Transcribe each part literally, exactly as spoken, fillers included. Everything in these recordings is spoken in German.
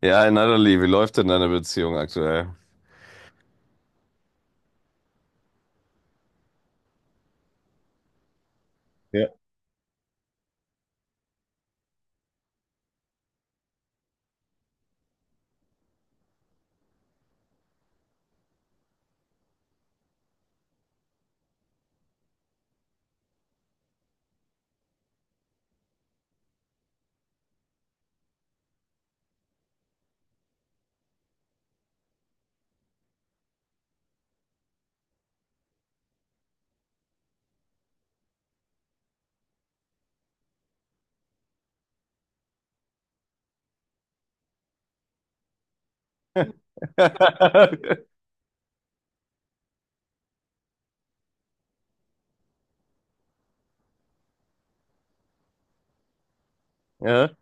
Ja, Natalie, wie läuft denn deine Beziehung aktuell? Ja,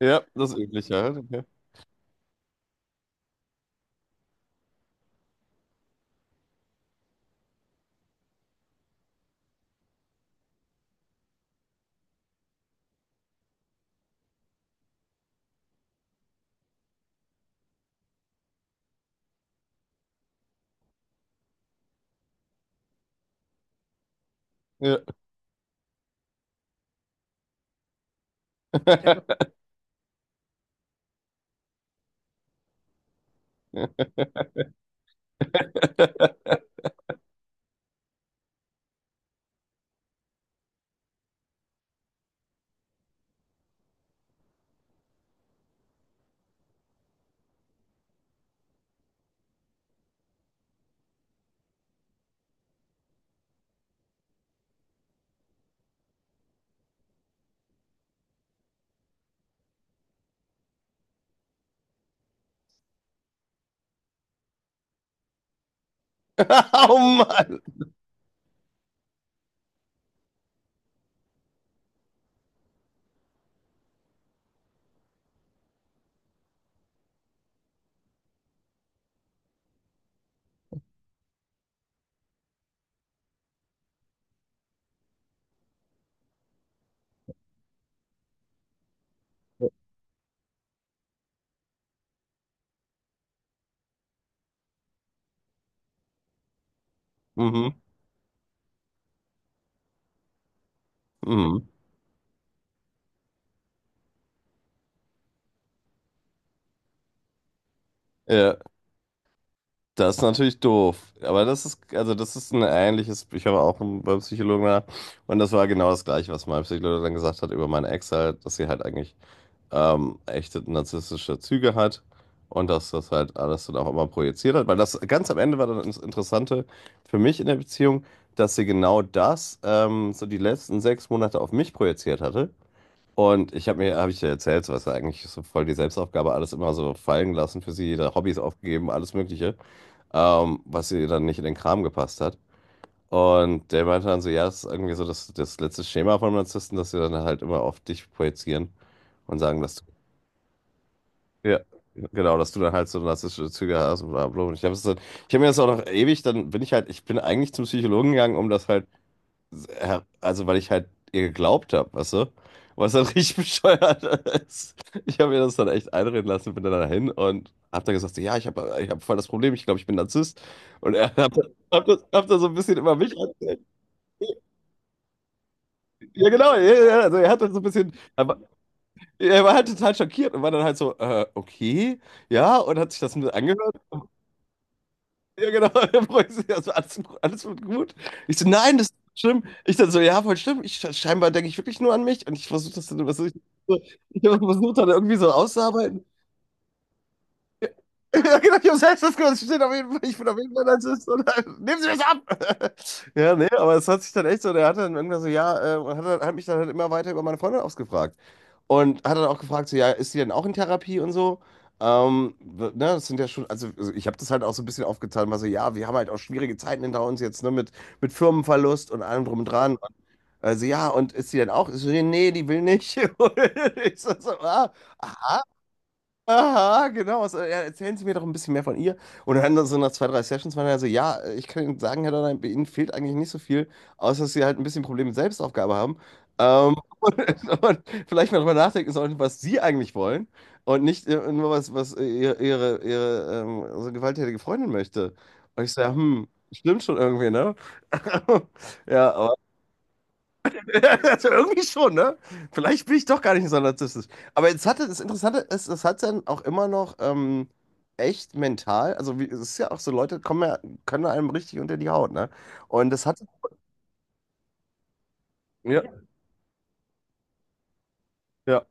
ja, das Übliche halt. Ja. Okay. Ja. Oh Mann! Mhm, mhm. Ja, das ist natürlich doof. Aber das ist, also das ist ein ähnliches, ich habe auch einen- beim Psychologen nach. Und das war genau das Gleiche, was mein Psychologe dann gesagt hat über meine Ex halt, dass sie halt eigentlich ähm, echte narzisstische Züge hat und dass das halt alles dann auch immer projiziert hat. Weil das ganz am Ende war dann das Interessante für mich in der Beziehung, dass sie genau das ähm, so die letzten sechs Monate auf mich projiziert hatte. Und ich habe mir, habe ich dir erzählt, so was ja eigentlich so voll die Selbstaufgabe, alles immer so fallen lassen für sie, ihre Hobbys aufgegeben, alles Mögliche, ähm, was ihr dann nicht in den Kram gepasst hat. Und der meinte dann so, ja, das ist irgendwie so das, das letzte Schema von Narzissten, dass sie dann halt immer auf dich projizieren und sagen, dass du ja, genau, dass du dann halt so narzisstische Züge hast und bla bla. Und ich habe dann, ich habe mir das auch noch ewig, dann bin ich halt, ich bin eigentlich zum Psychologen gegangen, um das halt, äh, also weil ich halt ihr geglaubt habe, weißt du? Was dann richtig bescheuert ist. Ich habe mir das dann echt einreden lassen, bin dann dahin und hab dann gesagt, so, ja, ich habe ich hab voll das Problem, ich glaube, ich bin Narzisst. Und er hat hab das, hab das so ein bisschen über mich erzählt. Ja, genau, ja, ja, also er hat dann so ein bisschen, aber er war halt total schockiert und war dann halt so, äh, okay. Ja, und hat sich das mit angehört. Ja, genau. Der freut sich, also alles, alles wird gut. Ich so, nein, das ist schlimm. Ich dann so, ja, voll schlimm. Ich, scheinbar denke ich wirklich nur an mich und ich versuche das dann, was ich, so- ich versuche dann irgendwie so auszuarbeiten. Ja, genau, ich habe selbst das gehört. Es steht auf jeden Fall, ich bin auf jeden Fall Narzisst. Und dann, nehmen Sie mich ab! Ja, nee, aber es hat sich dann echt so, der hat dann irgendwann so, ja, äh, und hat, dann- hat mich dann halt immer weiter über meine Freundin ausgefragt. Und hat dann auch gefragt, so, ja, ist sie denn auch in Therapie und so? Ähm, w- ne, das sind ja schon, also, also ich habe das halt auch so ein bisschen aufgeteilt, war so, ja, wir haben halt auch schwierige Zeiten hinter uns jetzt, ne, mit, mit Firmenverlust und allem drum und dran. Also, ja, und ist sie denn auch? Ich so, nee, nee, die will nicht. Und ich so, so, ah, aha, genau. So, ja, erzählen Sie mir doch ein bisschen mehr von ihr. Und dann so nach zwei, drei Sessions waren er so, ja, ich kann Ihnen sagen, Herr Donner, bei Ihnen fehlt eigentlich nicht so viel, außer dass Sie halt ein bisschen Probleme mit Selbstaufgabe haben. Ähm, und, und vielleicht mal drüber nachdenken sollten, was Sie eigentlich wollen und nicht äh, nur was, was äh, Ihre, Ihre, ihre ähm, also gewalttätige Freundin möchte. Und ich sage, hm, stimmt schon irgendwie, ne? Ja, also irgendwie schon, ne? Vielleicht bin ich doch gar nicht so narzisstisch. Aber jetzt hatte, das Interessante ist, es hat dann auch immer noch ähm, echt mental, also wie, es ist ja auch so, Leute kommen ja, können einem richtig unter die Haut, ne? Und das hat, ja, ja,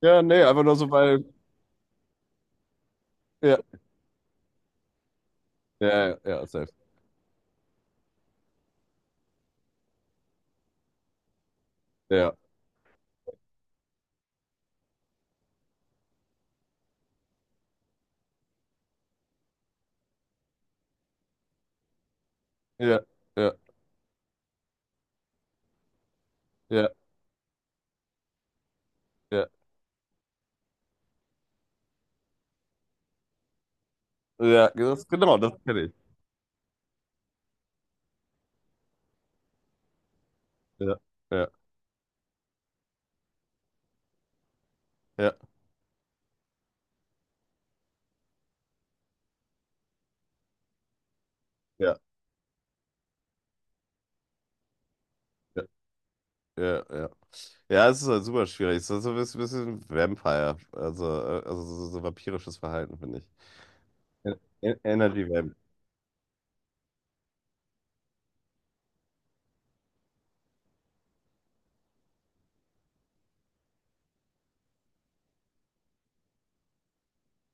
ja, nee, einfach nur so, weil, ja, ja, ja, ja, safe. Ja, ja, ja, ja, ja, ja, das, genau, das kenne ich. Ja, ja, ja, ja, ja, ja, ja. Ja, es ist halt super schwierig. Es ist so ein bisschen Vampire, also, äh, also so, so vampirisches Verhalten, finde ich. En- En- Energy Vamp.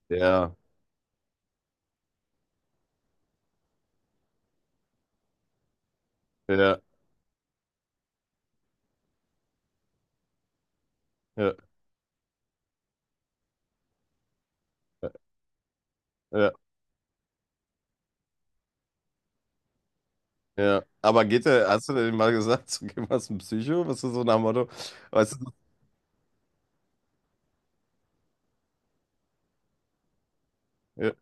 Ja, ja, ja, ja, ja, ja. Aber geht der, hast du denn mal gesagt, so geh mal zum Psycho? Was ist so nach dem Motto? Weißt du, so, ja,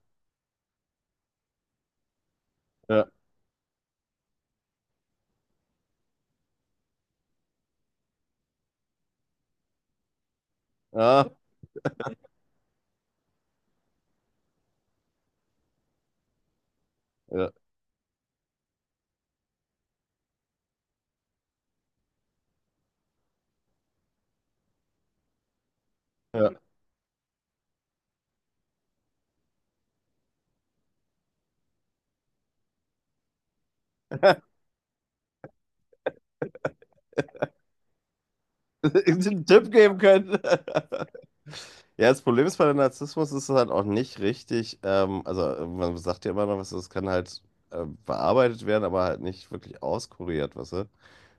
ja, ah, ja, ja. Einen Tipp geben können. Ja, das Problem ist bei dem Narzissmus ist es halt auch nicht richtig, ähm, also äh, man sagt ja immer noch, was das kann halt äh, bearbeitet werden, aber halt nicht wirklich auskuriert, weißt du?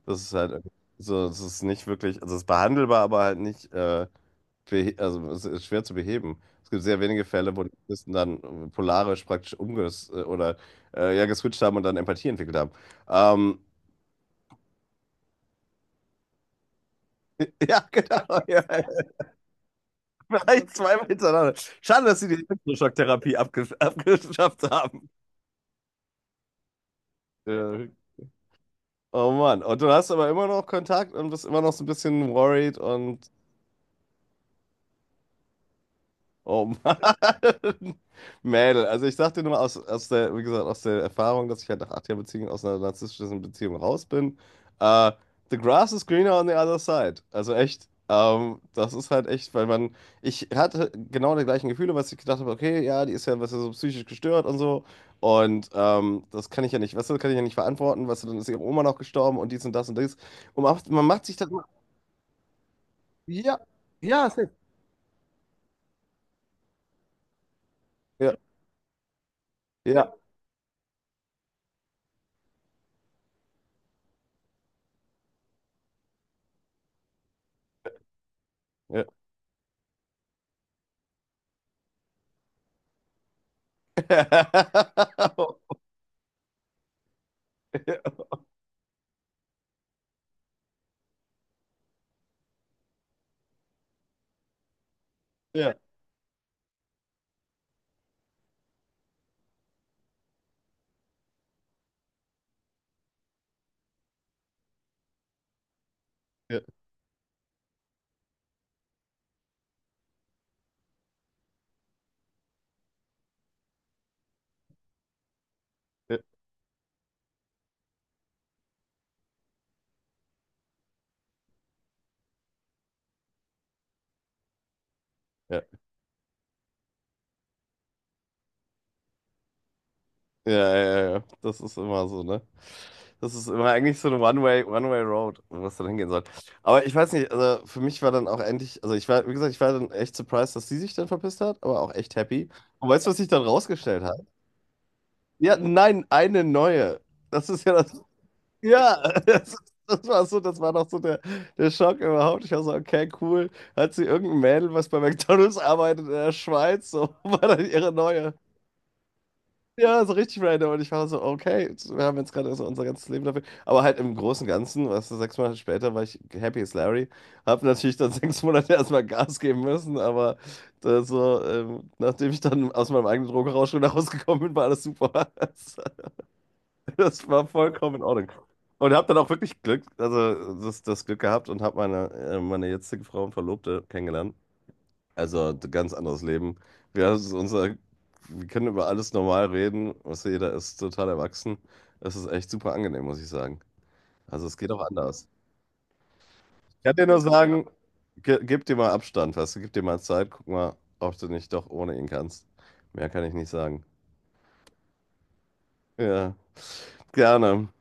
Das ist halt irgendwie so, es ist nicht wirklich, also es ist behandelbar, aber halt nicht äh, behe- also es ist schwer zu beheben. Es gibt sehr wenige Fälle, wo die Narzissten dann äh, polarisch praktisch umges oder äh, ja, geswitcht haben und dann Empathie entwickelt haben. Ähm, ja, genau. Ja, ja. Vielleicht zweimal hintereinander. Schade, dass sie die Elektroschocktherapie abge abgeschafft haben. Ja. Oh Mann. Und du hast aber immer noch Kontakt und bist immer noch so ein bisschen worried und oh Mann. Mädel, also ich sag dir nur aus, aus der, wie gesagt, aus der Erfahrung, dass ich halt nach acht Jahren Beziehung aus einer narzisstischen Beziehung raus bin. Äh, The grass is greener on the other side. Also echt, ähm, das ist halt echt, weil man, ich hatte genau die gleichen Gefühle, was ich gedacht habe, okay, ja, die ist ja, was ja so psychisch gestört und so. Und ähm, das kann ich ja nicht, weißt du, kann ich ja nicht verantworten, weißt du, dann ist ihre Oma noch gestorben und dies und das und dies. Und man macht man macht sich das, ja, ja, safe. Ja, ja. Ja. Ja, ja, ja, ja, ja, ja, ja. Ja. Das ist immer so, ne? Das ist immer eigentlich so eine One-Way, One-Way-Road, wo es dann hingehen soll. Aber ich weiß nicht, also für mich war dann auch endlich, also ich war, wie gesagt, ich war dann echt surprised, dass sie sich dann verpisst hat, aber auch echt happy. Und weißt du, was sich dann rausgestellt hat? Ja, nein, eine neue. Das ist ja das, ja, das, das war so, das war noch so der, der Schock überhaupt. Ich war so, okay, cool. Hat sie irgendein Mädel, was bei McDonald's arbeitet in der Schweiz, so war dann ihre neue. Ja, so richtig random. Und ich war so, okay, wir haben jetzt gerade so unser ganzes Leben dafür. Aber halt im Großen und Ganzen, weißt du, sechs Monate später war ich happy as Larry. Hab natürlich dann sechs Monate erstmal Gas geben müssen, aber da so, ähm, nachdem ich dann aus meinem eigenen Drogenrausch wieder rausgekommen bin, war alles super. Das das war vollkommen in Ordnung. Und hab dann auch wirklich Glück, also das, das Glück gehabt und hab meine, äh, meine jetzige Frau und Verlobte kennengelernt. Also ein ganz anderes Leben. Wir, haben es unser, wir können über alles normal reden. Was jeder ist total erwachsen. Es ist echt super angenehm, muss ich sagen. Also es geht auch anders. Ich kann dir nur sagen, ge gib dir mal Abstand, weißt du, gib dir mal Zeit, guck mal, ob du nicht doch ohne ihn kannst. Mehr kann ich nicht sagen. Ja, gerne.